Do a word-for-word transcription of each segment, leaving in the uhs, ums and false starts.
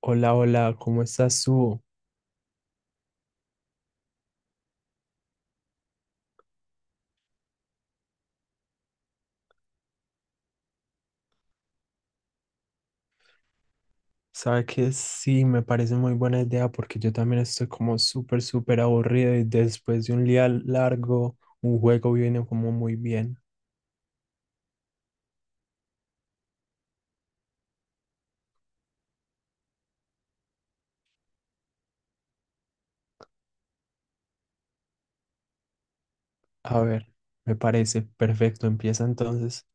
Hola, hola, ¿cómo estás tú? Sabe que sí, me parece muy buena idea porque yo también estoy como súper, súper aburrido y después de un día largo, un juego viene como muy bien. A ver, me parece perfecto, empieza entonces.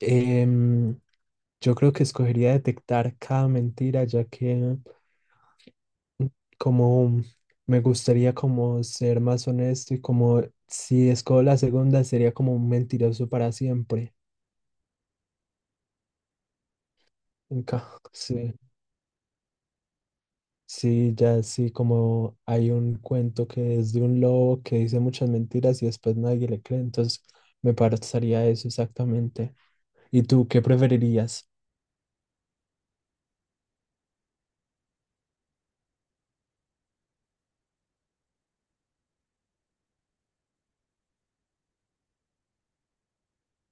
Em, yo creo que escogería detectar cada mentira ya que como me gustaría como ser más honesto y como si escojo la segunda sería como un mentiroso para siempre. Nunca, sí. Sí, ya sí, como hay un cuento que es de un lobo que dice muchas mentiras y después nadie le cree, entonces me parecería eso exactamente. ¿Y tú qué preferirías?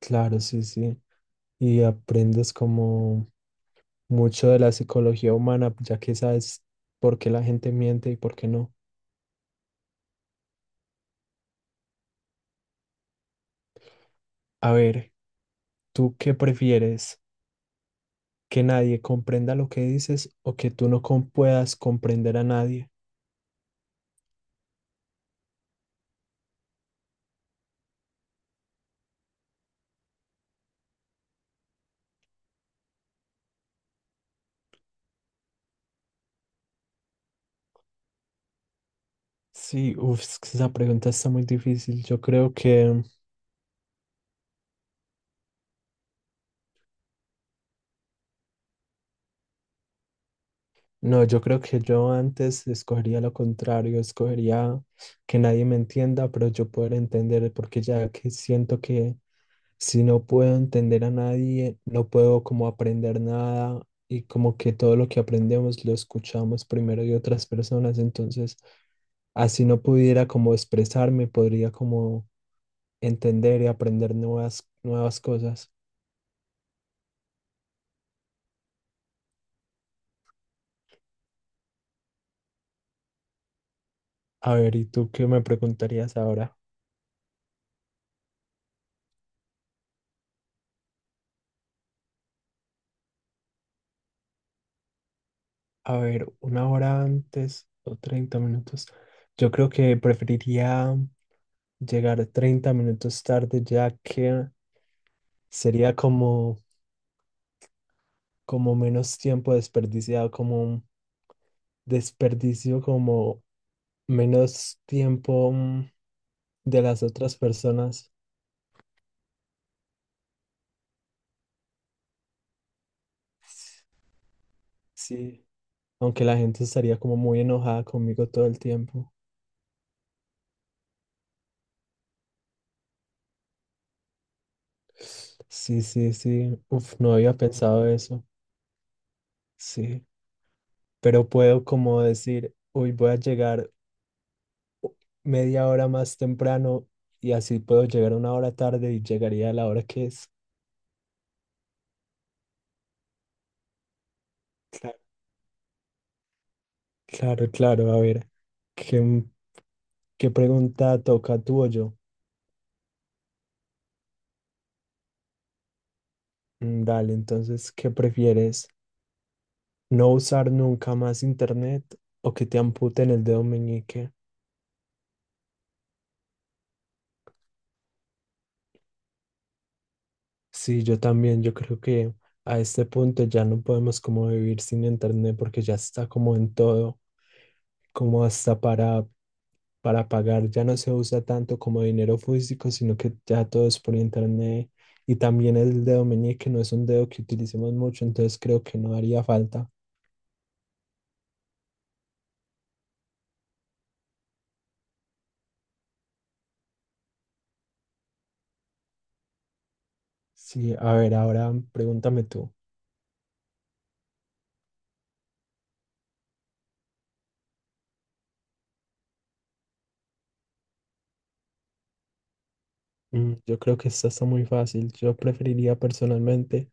Claro, sí, sí. Y aprendes como mucho de la psicología humana, ya que sabes por qué la gente miente y por qué no. A ver, ¿tú qué prefieres? ¿Que nadie comprenda lo que dices o que tú no com- puedas comprender a nadie? Sí, uff, esa pregunta está muy difícil. Yo creo que... No, yo creo que yo antes escogería lo contrario, escogería que nadie me entienda, pero yo poder entender, porque ya que siento que si no puedo entender a nadie, no puedo como aprender nada y como que todo lo que aprendemos lo escuchamos primero de otras personas, entonces así no pudiera como expresarme, podría como entender y aprender nuevas, nuevas cosas. A ver, ¿y tú qué me preguntarías ahora? A ver, una hora antes o treinta minutos. Yo creo que preferiría llegar treinta minutos tarde, ya que sería como, como menos tiempo desperdiciado, como un desperdicio, como menos tiempo mm, de las otras personas. Sí, aunque la gente estaría como muy enojada conmigo todo el tiempo. Sí, sí, sí. Uf, no había pensado eso. Sí, pero puedo como decir, hoy voy a llegar media hora más temprano y así puedo llegar una hora tarde y llegaría a la hora que es. Claro, claro, claro. A ver, ¿qué, ¿qué pregunta toca tú o yo? Mm, dale, entonces, ¿qué prefieres? ¿No usar nunca más internet o que te amputen el dedo meñique? Sí, yo también, yo creo que a este punto ya no podemos como vivir sin internet porque ya está como en todo, como hasta para para pagar ya no se usa tanto como dinero físico, sino que ya todo es por internet y también el dedo meñique no es un dedo que utilicemos mucho, entonces creo que no haría falta. Sí, a ver, ahora pregúntame tú. Mm, yo creo que esta está muy fácil. Yo preferiría personalmente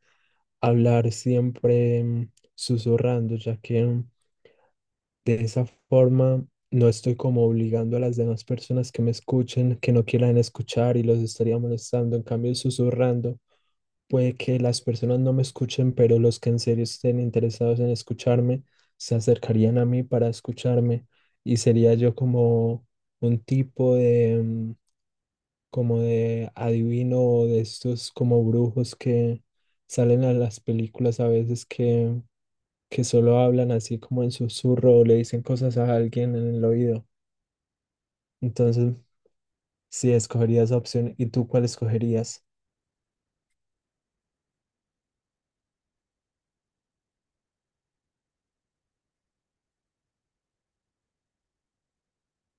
hablar siempre mm, susurrando, ya que mm, de esa forma, no estoy como obligando a las demás personas que me escuchen, que no quieran escuchar y los estaría molestando. En cambio, susurrando, puede que las personas no me escuchen, pero los que en serio estén interesados en escucharme se acercarían a mí para escucharme y sería yo como un tipo de, mm, como de adivino o de estos como brujos que salen a las películas a veces que que solo hablan así como en susurro o le dicen cosas a alguien en el oído. Entonces, sí, escogería esa opción. ¿Y tú cuál escogerías?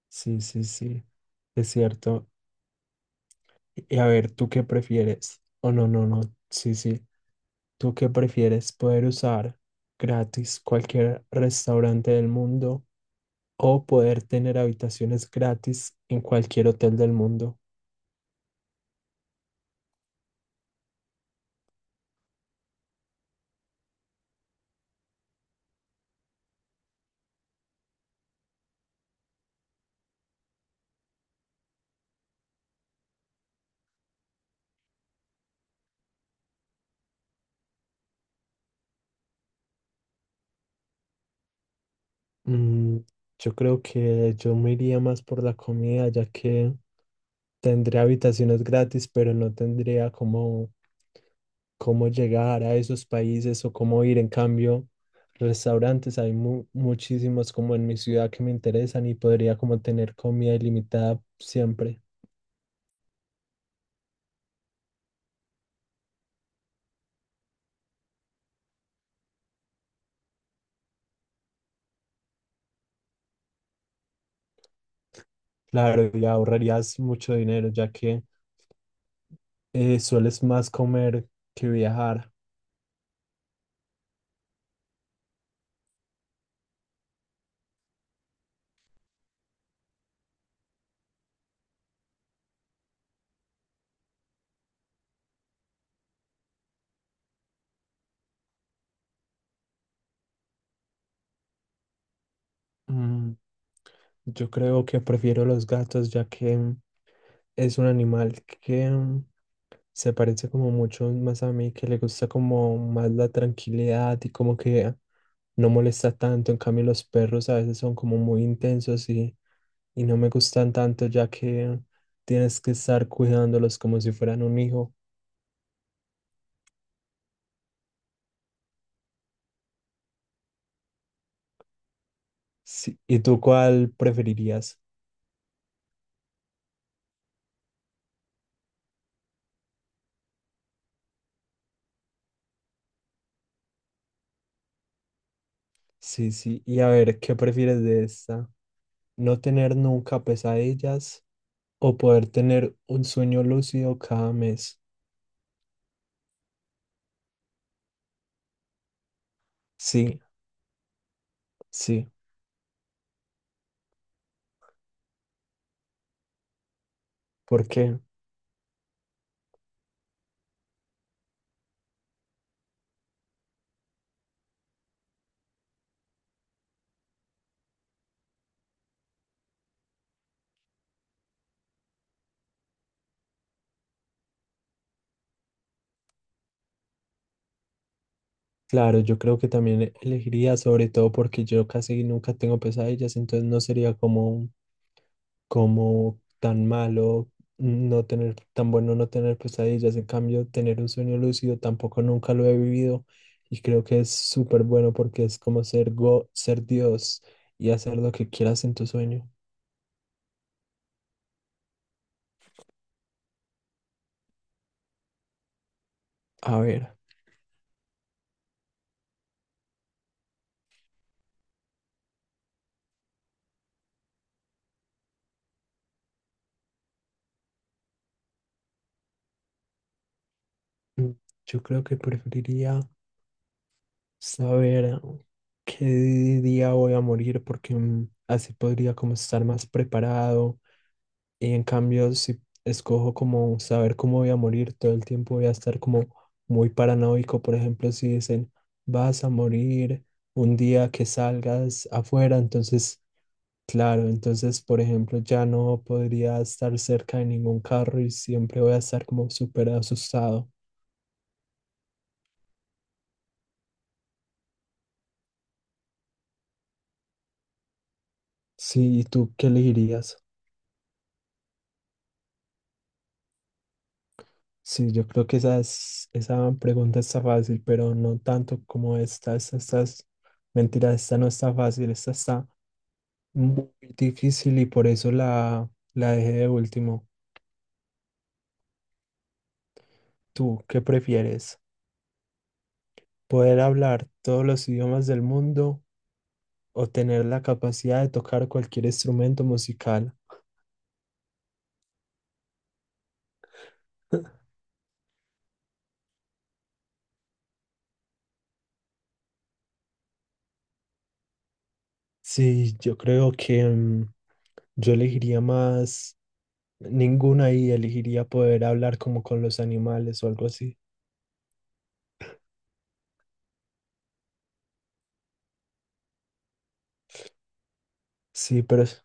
Sí, sí, sí, es cierto. Y a ver, ¿tú qué prefieres? Oh, no, no, no, sí, sí. ¿Tú qué prefieres? ¿Poder usar gratis cualquier restaurante del mundo o poder tener habitaciones gratis en cualquier hotel del mundo? Mm, yo creo que yo me iría más por la comida, ya que tendría habitaciones gratis, pero no tendría cómo, cómo llegar a esos países o cómo ir. En cambio, restaurantes hay mu- muchísimos como en mi ciudad que me interesan y podría como tener comida ilimitada siempre. Claro, y ahorrarías mucho dinero ya que eh, sueles más comer que viajar. Mm, yo creo que prefiero los gatos ya que es un animal que se parece como mucho más a mí, que le gusta como más la tranquilidad y como que no molesta tanto. En cambio, los perros a veces son como muy intensos y, y no me gustan tanto ya que tienes que estar cuidándolos como si fueran un hijo. Sí. ¿Y tú cuál preferirías? Sí, sí. Y a ver, ¿qué prefieres de esta? ¿No tener nunca pesadillas o poder tener un sueño lúcido cada mes? Sí, sí. ¿Por qué? Claro, yo creo que también elegiría, sobre todo porque yo casi nunca tengo pesadillas, entonces no sería como, como tan malo no tener, tan bueno no tener pesadillas. En cambio, tener un sueño lúcido tampoco nunca lo he vivido y creo que es súper bueno porque es como ser go, ser Dios y hacer lo que quieras en tu sueño. A ver, yo creo que preferiría saber qué día voy a morir porque mm, así podría como estar más preparado. Y en cambio, si escojo como saber cómo voy a morir, todo el tiempo voy a estar como muy paranoico. Por ejemplo, si dicen, vas a morir un día que salgas afuera, entonces, claro, entonces, por ejemplo, ya no podría estar cerca de ningún carro y siempre voy a estar como súper asustado. Sí, ¿y tú qué elegirías? Sí, yo creo que esa, es- esa pregunta está fácil, pero no tanto como esta. Esta, esta es- mentira, esta no está fácil, esta está muy difícil y por eso la, la dejé de último. ¿Tú qué prefieres? ¿Poder hablar todos los idiomas del mundo o tener la capacidad de tocar cualquier instrumento musical? Sí, yo creo que mm, yo elegiría más ninguna y elegiría poder hablar como con los animales o algo así. Sí, pero s-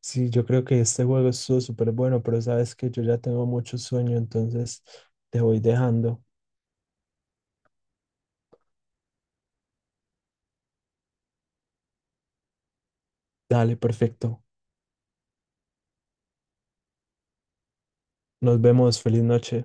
sí, yo creo que este juego estuvo súper bueno, pero sabes que yo ya tengo mucho sueño, entonces te voy dejando. Dale, perfecto. Nos vemos, feliz noche.